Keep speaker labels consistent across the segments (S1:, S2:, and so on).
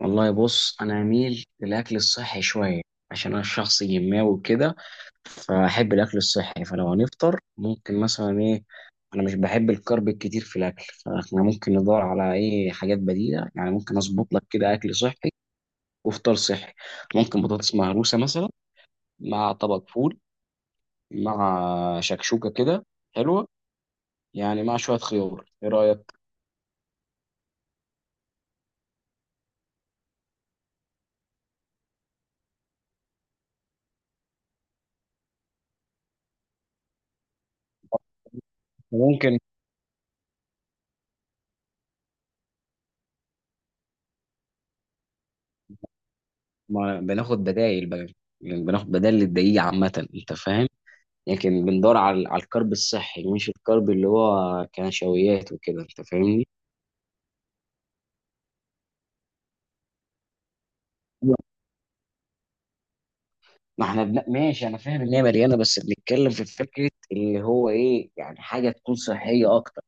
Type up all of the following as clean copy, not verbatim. S1: والله بص، انا اميل للاكل الصحي شويه. عشان انا شخص جماوي وكده، فاحب الاكل الصحي. فلو هنفطر، ممكن مثلا ايه. انا مش بحب الكرب الكتير في الاكل، فاحنا ممكن ندور على ايه حاجات بديله. يعني ممكن اظبط لك كده اكل صحي وفطار صحي. ممكن بطاطس مهروسه مثلا مع طبق فول مع شكشوكه كده حلوه. يعني مع شويه خيار، ايه رايك؟ ممكن. ما بناخد بدائل بقى، يعني بناخد بدائل للدقيق عامه، انت فاهم. لكن بندور على الكرب الصحي، مش الكرب اللي هو كنشويات وكده، انت فاهمني. ما احنا ماشي، انا فاهم ان هي مليانه، بس بنتكلم في فكره اللي هو ايه، يعني حاجه تكون صحيه اكتر.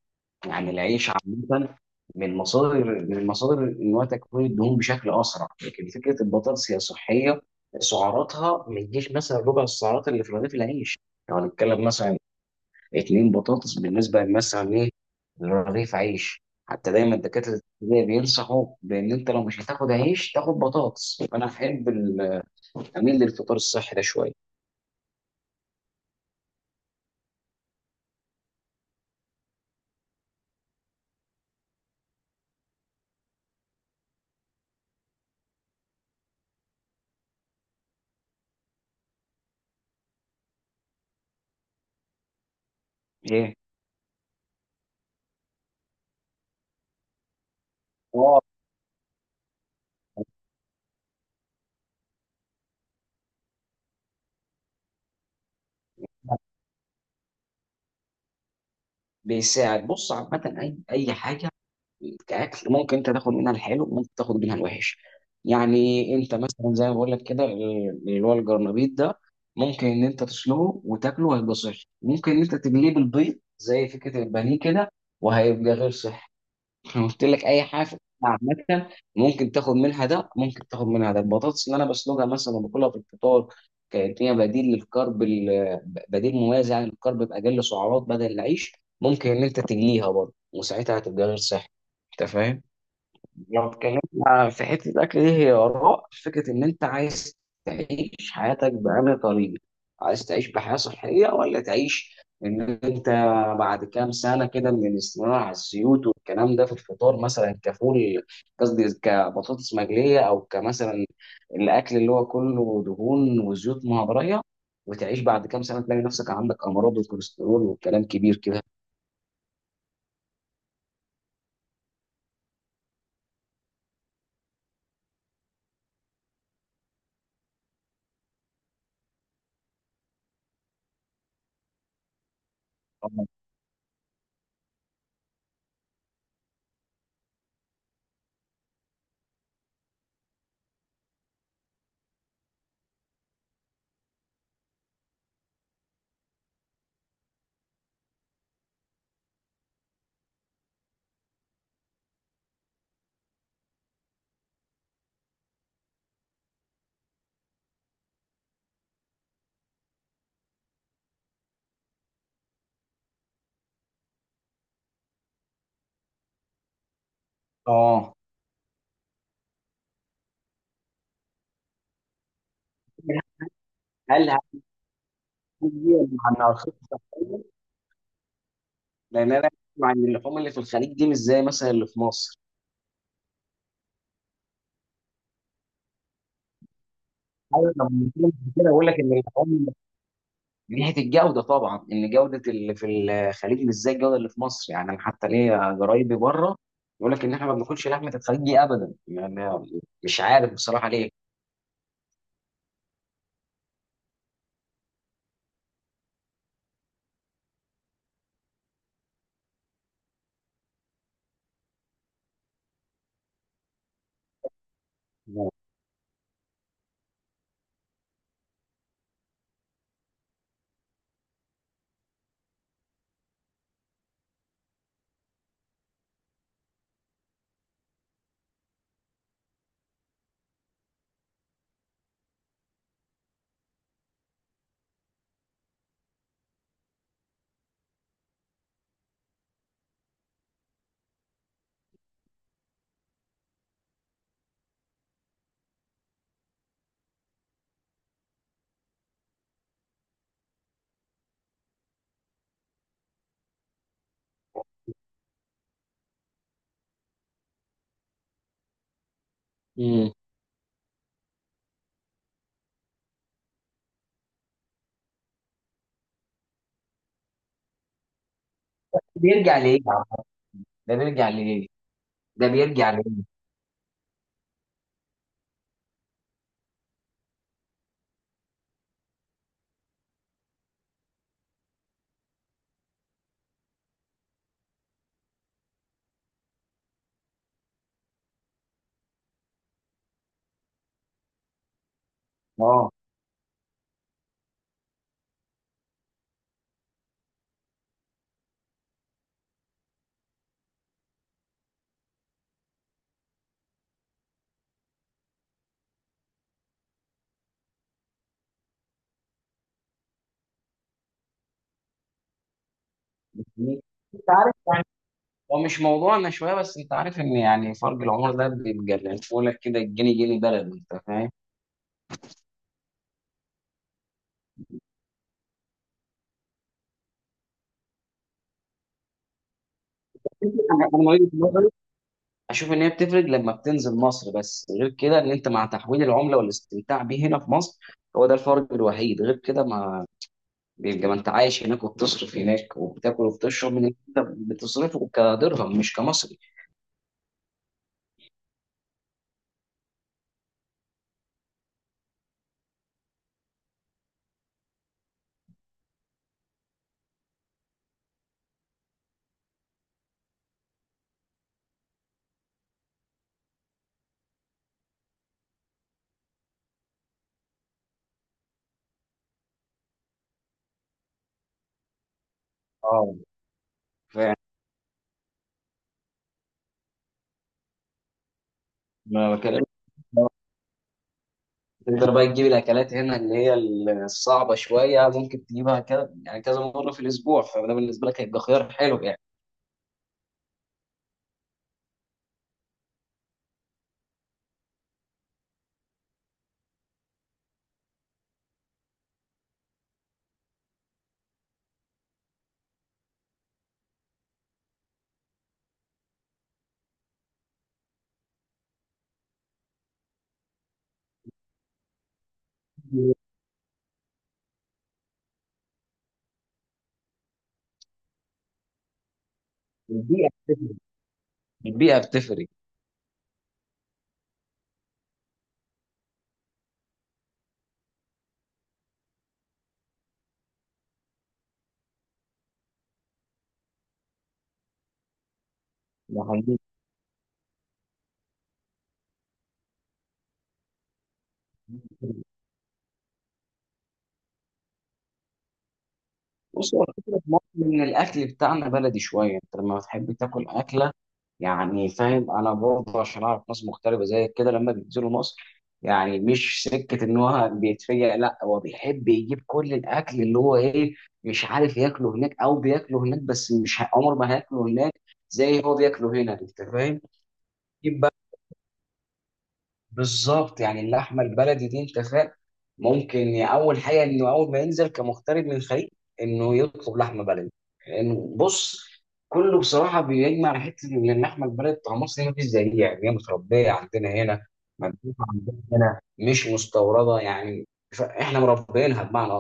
S1: يعني العيش عامه من مصادر ان هو تكوين الدهون بشكل اسرع، لكن فكره البطاطس هي صحيه. سعراتها ما تجيش مثلا ربع السعرات اللي في رغيف العيش. لو يعني هنتكلم مثلا اتنين بطاطس بالنسبه للناس ايه لرغيف عيش. حتى دايما دكاتره الابتدائي بينصحوا بان انت لو مش هتاخد عيش تاخد بطاطس. فانا اميل للفطار الصحي ده شويه. ايه. اه. بيساعد. بص عامه اي حاجه كاكل ممكن انت تاخد منها الحلو، ممكن تاخد منها الوحش. يعني انت مثلا زي ما بقول لك كده اللي هو الجرنبيط ده، ممكن ان انت تسلقه وتاكله هيبقى صحي، ممكن ان انت تقليه بالبيض زي فكره البانيه كده وهيبقى غير صحي. انا قلت لك اي حاجه في الأكل عامه، ممكن تاخد منها ده، ممكن تاخد منها ده. البطاطس اللي انا بسلقها مثلا وباكلها في الفطار كانت هي بديل للكرب بديل موازي عن الكرب باقل سعرات بدل العيش. ممكن ان انت تجليها برضه وساعتها هتبقى غير صحي، انت فاهم. لو اتكلمنا في حتة الأكل دي، هي آراء فكرة إن أنت عايز تعيش حياتك بأنهي طريقة؟ عايز تعيش بحياة صحية ولا تعيش إن أنت بعد كام سنة كده من الاستمرار على الزيوت والكلام ده في الفطار مثلا كفول، قصدي كبطاطس مقلية أو كمثلا الأكل اللي هو كله دهون وزيوت مهضرية، وتعيش بعد كام سنة تلاقي نفسك عندك أمراض وكوليسترول وكلام كبير كده. آه. هل هل هل مع إنها خطة. لان انا اسمع ان اللحوم اللي في الخليج دي مش زي مثلا اللي في مصر. ايوه، لما بتكلم في كده بقول لك ان اللحوم من ناحيه الجوده طبعا، ان جوده اللي في الخليج مش زي الجوده اللي في مصر. يعني أنا حتى ليا قرايبي بره يقول لك ان احنا ما بناكلش لحمه الخليج دي ابدا، يعني مش عارف بصراحه ليه. مم. بيرجع ليه يا عم؟ ده بيرجع ليه. ده بيرجع ليه. اه. انت عارف يعني، هو مش موضوعنا شويه، بس انت عارف ان يعني فرق العمر ده بيبقى لك كده الجنيه جنيه بلد، انت فاهم. انا أنا مريض اشوف ان هي بتفرق لما بتنزل مصر، بس غير كده ان انت مع تحويل العمله والاستمتاع بيه هنا في مصر، هو ده الفرق الوحيد. غير كده ما بيبقى، ما انت عايش هناك وبتصرف هناك وبتاكل وبتشرب من اللي انت بتصرفه كدرهم مش كمصري. اه. فيعني ما بكلمك، تقدر بقى تجيب الاكلات هنا اللي هي الصعبه شويه، ممكن تجيبها كده يعني كذا مره في الاسبوع، فده بالنسبه لك هيبقى خيار حلو يعني. البيئه بتفرق. البيئه بتفرق. ده حقيقي. بص هو الفكرة في مصر إن الأكل بتاعنا بلدي شوية، أنت لما بتحب تاكل أكلة، يعني فاهم. أنا برضه عشان أعرف ناس مغتربة زي كده لما بينزلوا مصر، يعني مش سكة إن هو بيتفيق، لا هو بيحب يجيب كل الأكل اللي هو إيه مش عارف ياكله هناك أو بياكله هناك، بس مش عمر ما هياكله هناك زي هو بياكله هنا، أنت فاهم؟ يجيب. بالظبط. يعني اللحمه البلدي دي، انت فاهم، ممكن يعني اول حاجه انه اول ما ينزل كمغترب من الخليج انه يطلب لحمه بلدي. لانه بص، كله بصراحه بيجمع على حته ان اللحمه البلدي بتاع مصر ما فيش زيها، يعني هي متربيه عندنا هنا، مبيوتة عندنا هنا، مش مستورده يعني. احنا مربينها بمعنى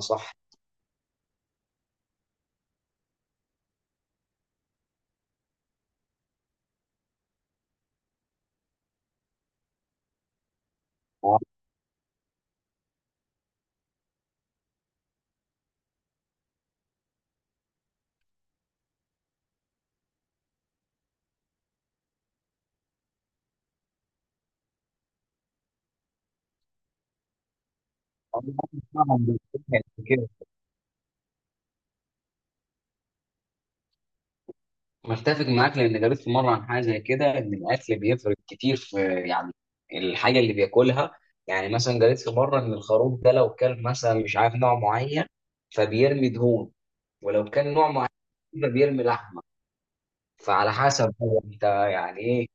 S1: اصح. متفق معاك، لان قريت في مره عن حاجه زي كده ان الاكل بيفرق كتير في يعني الحاجه اللي بياكلها. يعني مثلا قريت في مره ان الخروف ده لو كان مثلا مش عارف نوع معين فبيرمي دهون، ولو كان نوع معين بيرمي لحمه. فعلى حسب هو انت يعني ايه،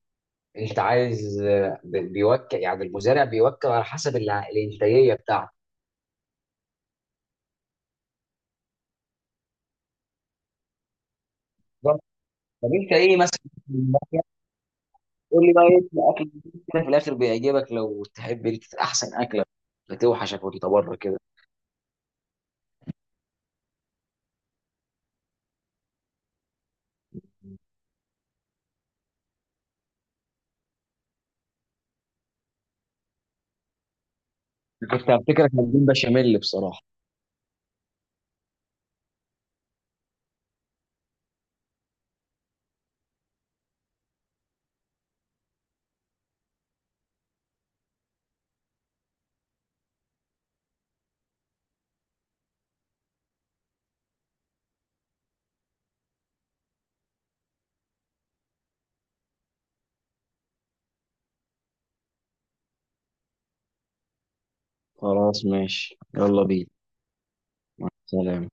S1: انت عايز بيوكل. يعني المزارع بيوكل على حسب الانتاجيه بتاعته. طب انت ايه مثلا؟ قول لي بقى ايه الاكل اللي في الاخر بيعجبك؟ لو تحب انت احسن اكله بتوحشك وانت بره كده. كنت هفتكرك هتجيب بشاميل بصراحة. خلاص ماشي، يلا بينا. مع السلامة.